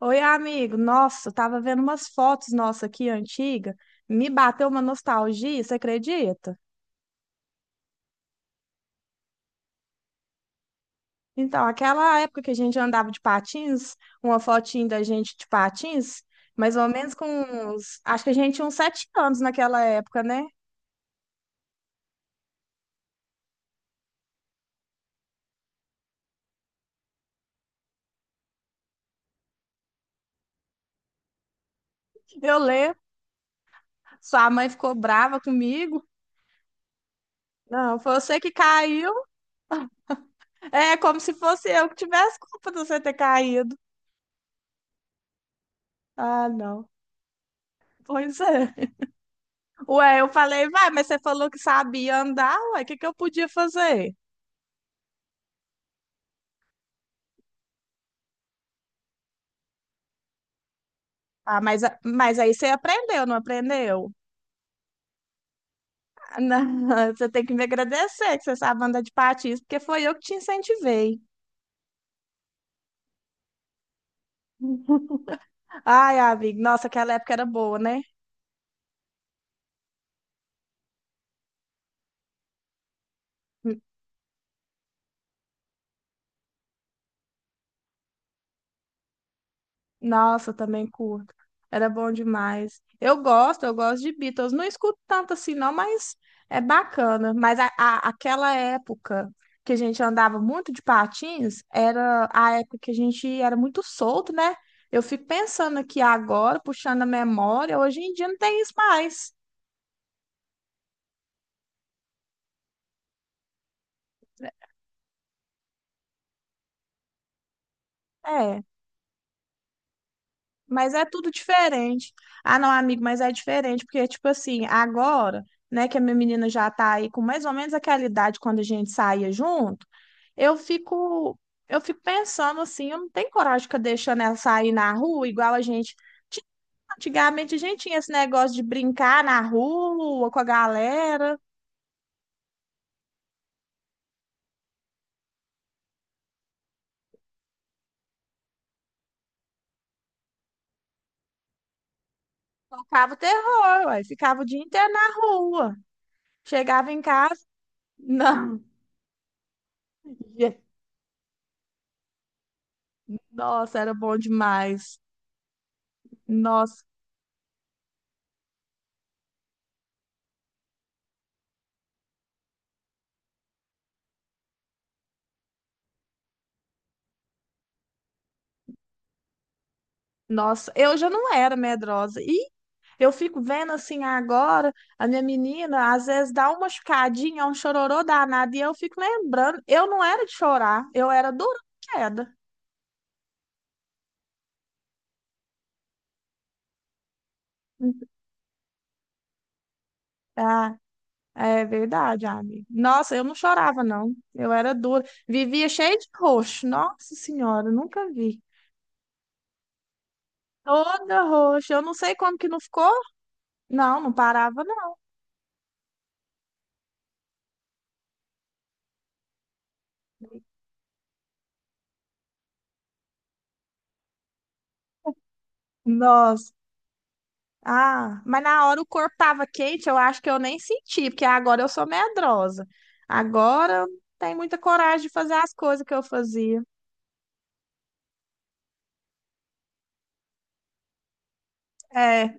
Oi, amigo. Nossa, eu tava vendo umas fotos nossa aqui antiga. Me bateu uma nostalgia, você acredita? Então, aquela época que a gente andava de patins, uma fotinha da gente de patins, mais ou menos com uns, acho que a gente tinha uns 7 anos naquela época, né? Eu lembro, sua mãe ficou brava comigo. Não, foi você que caiu. É como se fosse eu que tivesse culpa de você ter caído. Ah, não. Pois é. Ué, eu falei, vai, mas você falou que sabia andar, ué, o que que eu podia fazer? Ah, mas, mas aí você aprendeu, não aprendeu? Ah, não, você tem que me agradecer que você sabe andar de patins, porque foi eu que te incentivei. Ai, amigo, nossa, aquela época era boa, né? Nossa, eu também curto. Era bom demais. Eu gosto de Beatles. Não escuto tanto assim, não, mas é bacana. Mas aquela época que a gente andava muito de patins, era a época que a gente era muito solto, né? Eu fico pensando aqui agora, puxando a memória, hoje em dia não tem isso mais. É. Mas é tudo diferente. Ah, não, amigo, mas é diferente, porque, tipo assim, agora, né, que a minha menina já tá aí com mais ou menos aquela idade quando a gente saía junto, eu fico, eu fico pensando assim, eu não tenho coragem de ficar deixando ela sair na rua, igual a gente tinha. Antigamente a gente tinha esse negócio de brincar na rua com a galera, tocava o terror, ué, ficava o dia inteiro na rua. Chegava em casa, não. Nossa, era bom demais. Nossa. Nossa, eu já não era medrosa. E eu fico vendo assim agora, a minha menina às vezes dá uma machucadinha, um chororô danado, e eu fico lembrando, eu não era de chorar, eu era dura de queda. Ah, é verdade, amiga. Nossa, eu não chorava, não. Eu era dura. Vivia cheia de roxo. Nossa Senhora, nunca vi. Toda roxa. Eu não sei como que não ficou. Não, não parava, não. Nossa. Ah, mas na hora o corpo tava quente, eu acho que eu nem senti, porque agora eu sou medrosa. Agora eu não tenho muita coragem de fazer as coisas que eu fazia. É,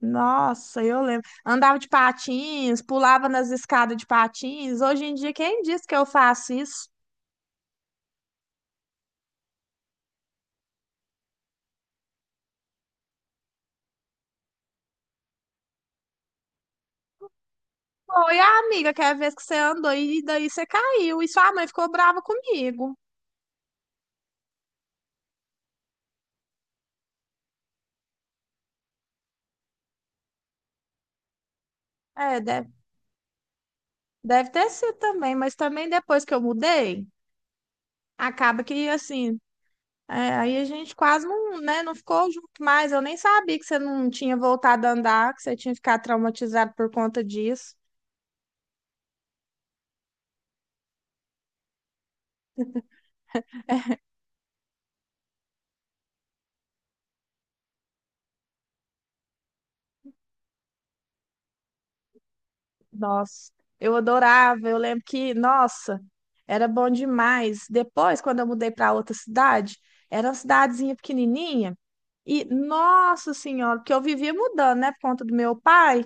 nossa, eu lembro. Andava de patins, pulava nas escadas de patins. Hoje em dia, quem disse que eu faço isso? Oi, amiga, que é a vez que você andou e daí você caiu. E sua mãe ficou brava comigo. É, deve, deve ter sido também, mas também depois que eu mudei, acaba que assim, é, aí a gente quase não, né, não ficou junto mais. Eu nem sabia que você não tinha voltado a andar, que você tinha ficado traumatizado por conta disso. Nossa, eu adorava. Eu lembro que, nossa, era bom demais. Depois, quando eu mudei para outra cidade, era uma cidadezinha pequenininha. E, nossa senhora, porque eu vivia mudando, né, por conta do meu pai.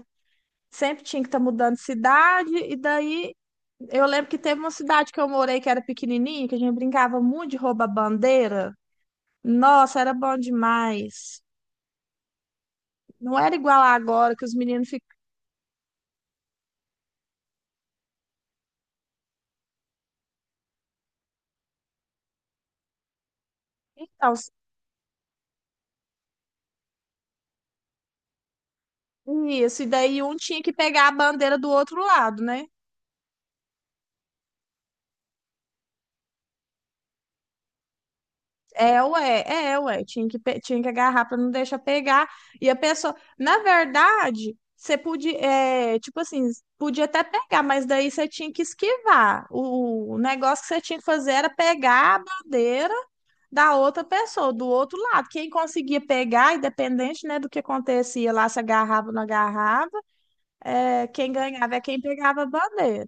Sempre tinha que estar mudando de cidade. E daí, eu lembro que teve uma cidade que eu morei que era pequenininha, que a gente brincava muito de rouba-bandeira. Nossa, era bom demais. Não era igual agora que os meninos ficam. Então, isso, e daí um tinha que pegar a bandeira do outro lado, né? É, ué, é, ué. Tinha que, tinha que agarrar para não deixar pegar. E a pessoa, na verdade, você podia, é, tipo assim, podia até pegar, mas daí você tinha que esquivar. O negócio que você tinha que fazer era pegar a bandeira da outra pessoa, do outro lado. Quem conseguia pegar, independente, né, do que acontecia lá, se agarrava ou não agarrava. É, quem ganhava é quem pegava a bandeira.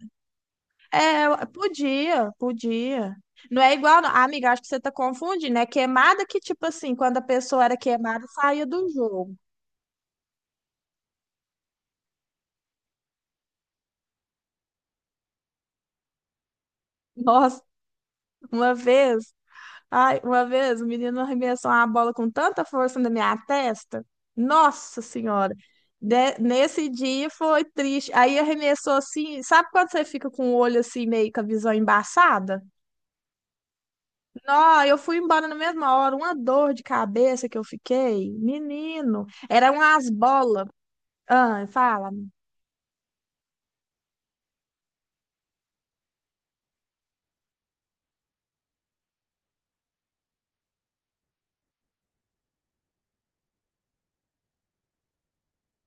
É, podia, podia. Não é igual, não. Ah, amiga, acho que você tá confundindo. É queimada que, tipo assim, quando a pessoa era queimada, saía do jogo. Nossa, uma vez, ai, uma vez, o menino arremessou uma bola com tanta força na minha testa. Nossa Senhora. Nesse dia foi triste. Aí arremessou assim, sabe quando você fica com o olho assim, meio com a visão embaçada? Não, eu fui embora na mesma hora. Uma dor de cabeça que eu fiquei, menino, era umas bolas. Ah, fala.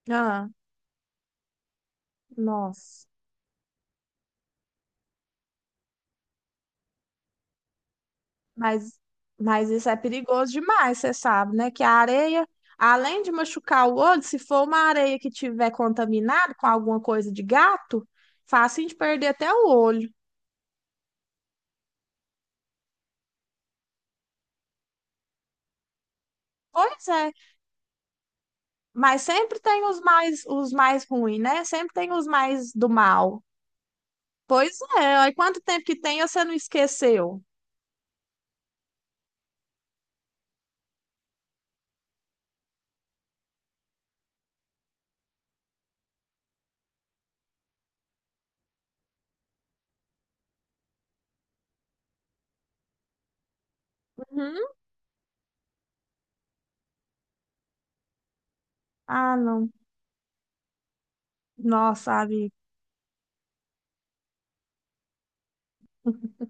Ah, nossa. Mas, mas isso é perigoso demais, você sabe, né? Que a areia, além de machucar o olho, se for uma areia que tiver contaminada com alguma coisa de gato, fácil de perder até o olho. Pois é, mas sempre tem os mais ruins, né? Sempre tem os mais do mal. Pois é, aí quanto tempo que tem, e você não esqueceu? Uhum. Ah, não. Nossa, sabe?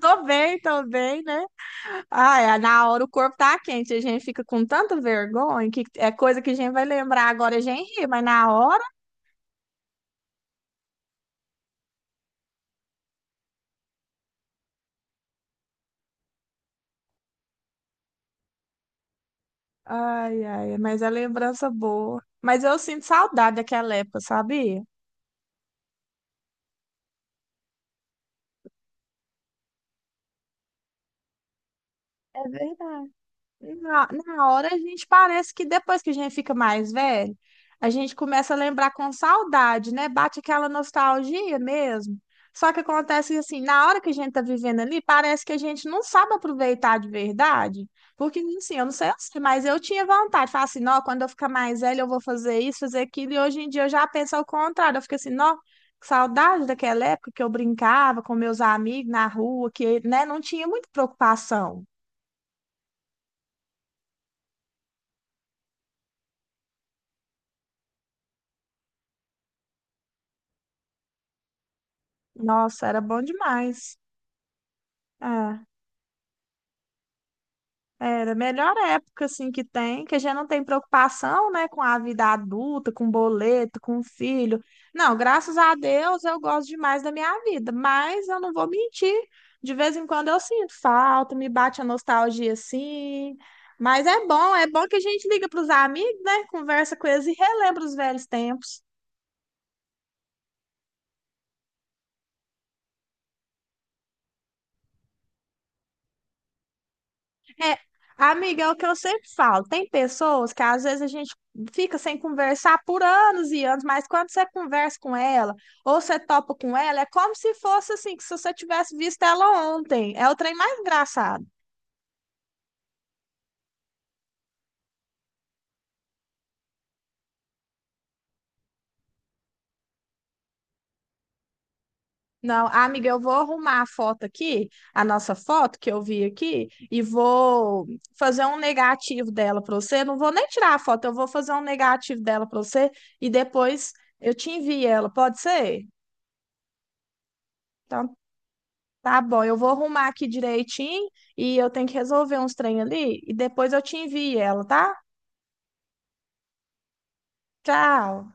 Tô bem, né? Ah, é, na hora o corpo tá quente, a gente fica com tanta vergonha que é coisa que a gente vai lembrar agora, a gente ri, mas na hora. Ai, ai, mas é lembrança boa. Mas eu sinto saudade daquela época, sabia? É verdade. Na hora a gente parece que depois que a gente fica mais velho, a gente começa a lembrar com saudade, né? Bate aquela nostalgia mesmo. Só que acontece que, assim, na hora que a gente tá vivendo ali, parece que a gente não sabe aproveitar de verdade. Porque assim, eu não sei, você, mas eu tinha vontade. Falar assim, não, quando eu ficar mais velho eu vou fazer isso, fazer aquilo. E hoje em dia eu já penso ao contrário. Eu fico assim, não, que saudade daquela época que eu brincava com meus amigos na rua, que, né, não tinha muita preocupação. Nossa, era bom demais. É, era a melhor época assim que tem, que a gente não tem preocupação, né, com a vida adulta, com boleto, com filho. Não, graças a Deus eu gosto demais da minha vida, mas eu não vou mentir, de vez em quando eu sinto falta, me bate a nostalgia assim. Mas é bom que a gente liga para os amigos, né, conversa com eles e relembra os velhos tempos. É, amiga, é o que eu sempre falo. Tem pessoas que às vezes a gente fica sem conversar por anos e anos, mas quando você conversa com ela ou você topa com ela, é como se fosse assim, que se você tivesse visto ela ontem. É o trem mais engraçado. Não, amiga, eu vou arrumar a foto aqui, a nossa foto que eu vi aqui, e vou fazer um negativo dela para você. Não vou nem tirar a foto, eu vou fazer um negativo dela para você e depois eu te envio ela, pode ser? Então tá bom, eu vou arrumar aqui direitinho e eu tenho que resolver uns trem ali e depois eu te envio ela, tá? Tchau.